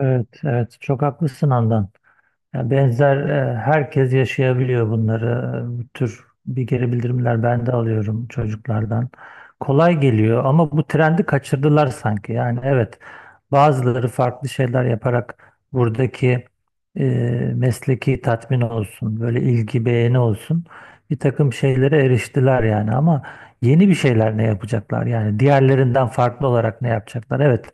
Evet, evet çok haklısın Handan. Ya benzer herkes yaşayabiliyor bunları. Bu tür bir geri bildirimler ben de alıyorum çocuklardan. Kolay geliyor ama bu trendi kaçırdılar sanki. Yani evet, bazıları farklı şeyler yaparak buradaki e, mesleki tatmin olsun, böyle ilgi beğeni olsun, bir takım şeylere eriştiler yani. Ama yeni bir şeyler ne yapacaklar yani diğerlerinden farklı olarak ne yapacaklar? Evet,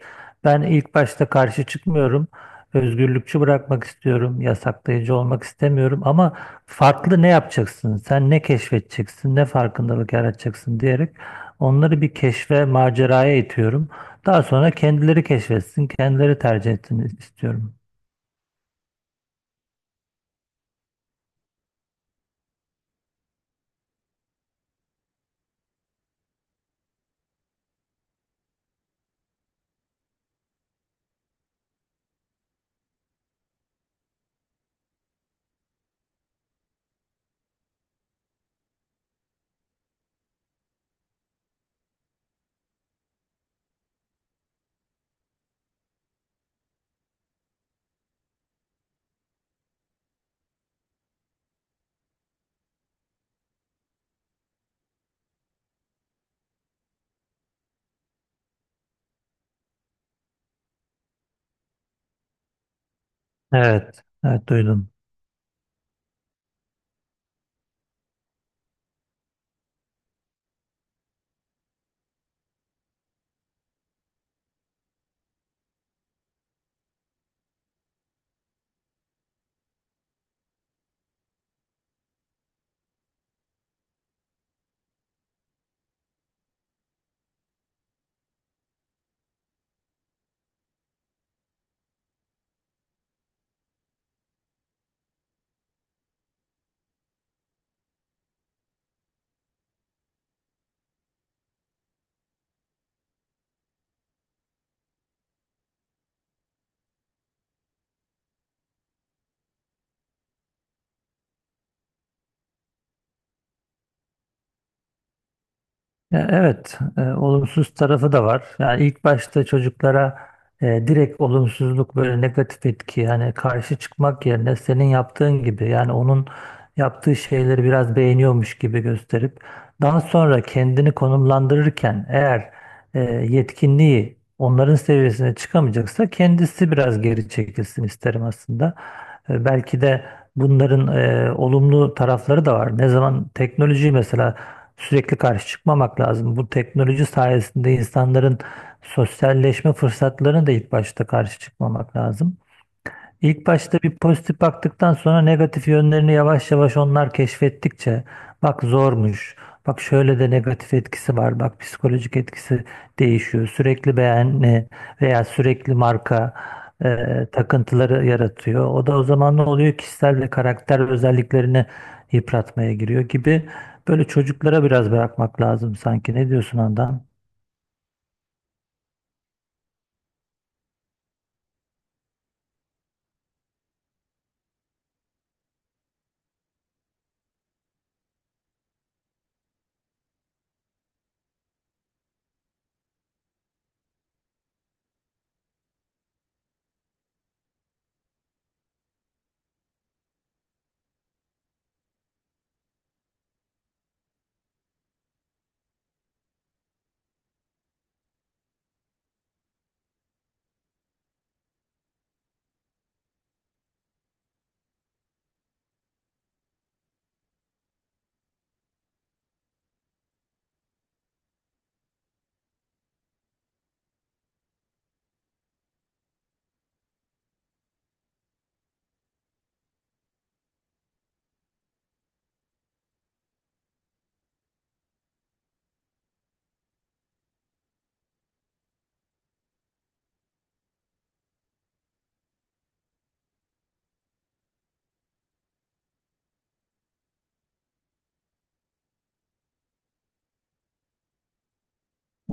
ben ilk başta karşı çıkmıyorum. Özgürlükçü bırakmak istiyorum, yasaklayıcı olmak istemiyorum ama farklı ne yapacaksın, sen ne keşfedeceksin, ne farkındalık yaratacaksın diyerek onları bir keşfe, maceraya itiyorum. Daha sonra kendileri keşfetsin, kendileri tercih etsin istiyorum. Evet, evet duydum. Ya evet, olumsuz tarafı da var. Yani ilk başta çocuklara direkt olumsuzluk, böyle negatif etki yani karşı çıkmak yerine senin yaptığın gibi yani onun yaptığı şeyleri biraz beğeniyormuş gibi gösterip daha sonra kendini konumlandırırken eğer e, yetkinliği onların seviyesine çıkamayacaksa kendisi biraz geri çekilsin isterim aslında. E, belki de bunların olumlu tarafları da var. Ne zaman teknoloji mesela, sürekli karşı çıkmamak lazım. Bu teknoloji sayesinde insanların sosyalleşme fırsatlarına da ilk başta karşı çıkmamak lazım. İlk başta bir pozitif baktıktan sonra negatif yönlerini yavaş yavaş onlar keşfettikçe bak zormuş, bak şöyle de negatif etkisi var, bak psikolojik etkisi değişiyor. Sürekli beğeni veya sürekli marka takıntıları yaratıyor. O da o zaman ne oluyor? Kişisel ve karakter özelliklerini yıpratmaya giriyor gibi. Böyle çocuklara biraz bırakmak lazım sanki. Ne diyorsun Handan?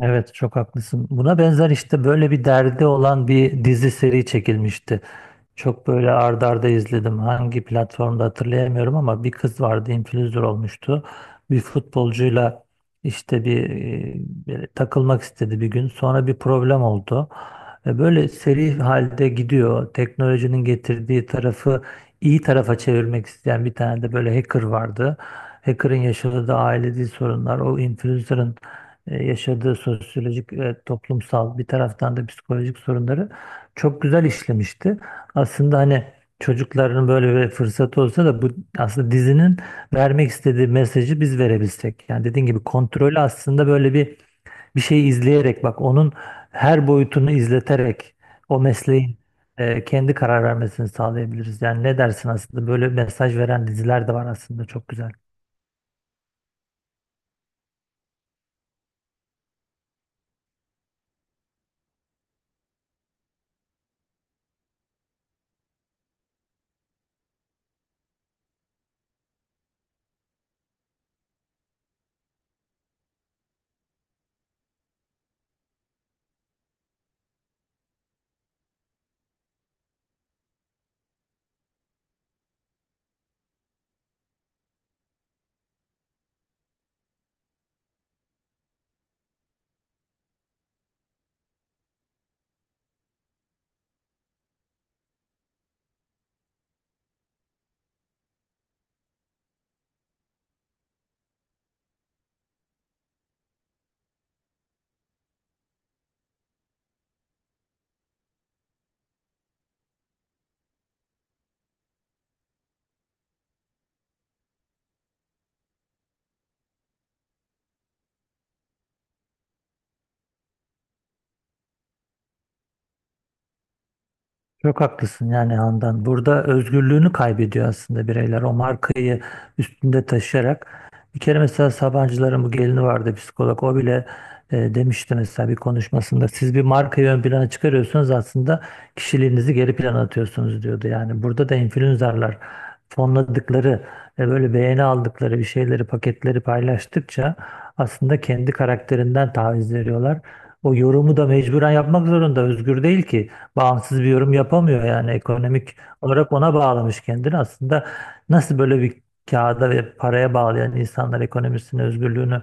Evet, çok haklısın. Buna benzer işte böyle bir derdi olan bir dizi seri çekilmişti. Çok böyle ardarda arda izledim. Hangi platformda hatırlayamıyorum ama bir kız vardı, influencer olmuştu. Bir futbolcuyla işte böyle takılmak istedi bir gün. Sonra bir problem oldu. E, böyle seri halde gidiyor. Teknolojinin getirdiği tarafı iyi tarafa çevirmek isteyen bir tane de böyle hacker vardı. Hacker'ın yaşadığı da ailevi sorunlar, o influencer'ın yaşadığı sosyolojik ve toplumsal, bir taraftan da psikolojik sorunları çok güzel işlemişti. Aslında hani çocukların böyle bir fırsatı olsa da bu aslında dizinin vermek istediği mesajı biz verebilsek. Yani dediğin gibi kontrolü aslında böyle bir şeyi izleyerek, bak onun her boyutunu izleterek o mesleğin kendi karar vermesini sağlayabiliriz. Yani ne dersin, aslında böyle mesaj veren diziler de var aslında, çok güzel. Çok haklısın yani Handan. Burada özgürlüğünü kaybediyor aslında bireyler. O markayı üstünde taşıyarak. Bir kere mesela Sabancıların bu gelini vardı, psikolog. O bile demişti mesela bir konuşmasında. Siz bir markayı ön plana çıkarıyorsunuz, aslında kişiliğinizi geri plana atıyorsunuz diyordu. Yani burada da influencerlar fonladıkları, böyle beğeni aldıkları bir şeyleri, paketleri paylaştıkça aslında kendi karakterinden taviz veriyorlar. O yorumu da mecburen yapmak zorunda. Özgür değil ki, bağımsız bir yorum yapamıyor yani ekonomik olarak ona bağlamış kendini. Aslında nasıl böyle bir kağıda ve paraya bağlayan insanlar ekonomisini, özgürlüğünü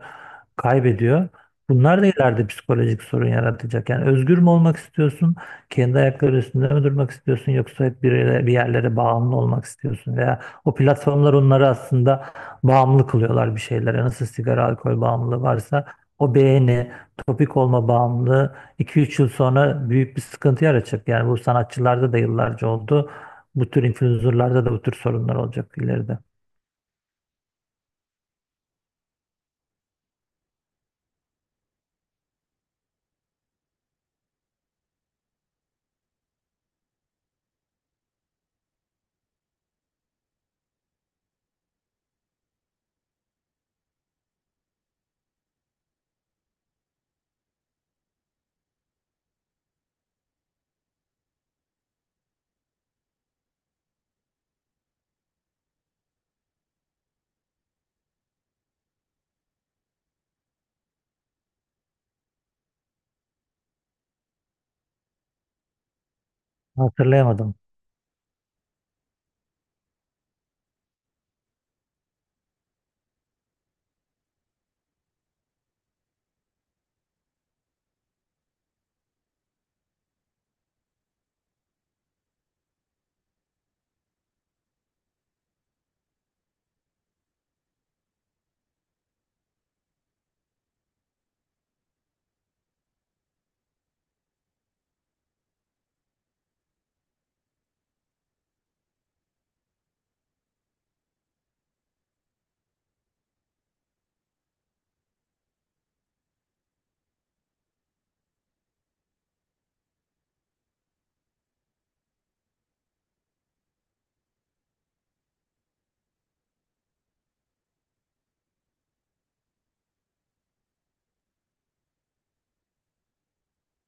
kaybediyor. Bunlar da ileride psikolojik sorun yaratacak. Yani özgür mü olmak istiyorsun? Kendi ayakları üstünde mi durmak istiyorsun? Yoksa hep bir yerlere bağımlı olmak istiyorsun? Veya o platformlar onları aslında bağımlı kılıyorlar bir şeylere. Nasıl sigara, alkol bağımlılığı varsa o beğeni, topik olma bağımlılığı 2 üç yıl sonra büyük bir sıkıntı yaratacak. Yani bu sanatçılarda da yıllarca oldu. Bu tür influencerlarda da bu tür sorunlar olacak ileride. Hatırlayamadım.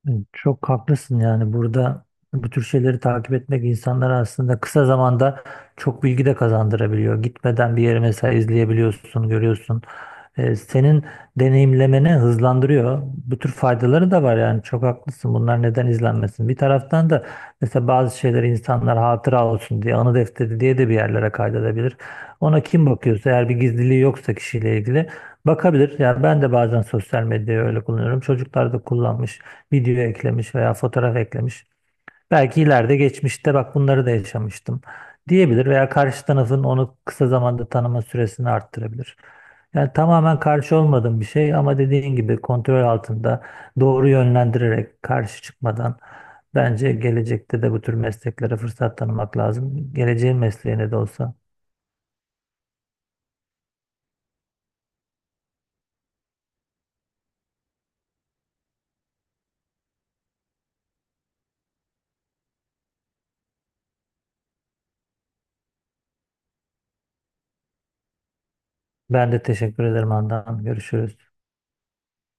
Evet, çok haklısın yani burada bu tür şeyleri takip etmek insanlara aslında kısa zamanda çok bilgi de kazandırabiliyor. Gitmeden bir yere mesela izleyebiliyorsun, görüyorsun. Senin deneyimlemeni hızlandırıyor. Bu tür faydaları da var yani, çok haklısın. Bunlar neden izlenmesin? Bir taraftan da mesela bazı şeyleri insanlar hatıra olsun diye, anı defteri diye de bir yerlere kaydedebilir. Ona kim bakıyorsa eğer bir gizliliği yoksa kişiyle ilgili bakabilir. Yani ben de bazen sosyal medyayı öyle kullanıyorum. Çocuklar da kullanmış, video eklemiş veya fotoğraf eklemiş. Belki ileride geçmişte bak bunları da yaşamıştım diyebilir veya karşı tarafın onu kısa zamanda tanıma süresini arttırabilir. Yani tamamen karşı olmadığım bir şey ama dediğin gibi kontrol altında doğru yönlendirerek, karşı çıkmadan bence gelecekte de bu tür mesleklere fırsat tanımak lazım. Geleceğin mesleğine de olsa. Ben de teşekkür ederim Handan. Görüşürüz.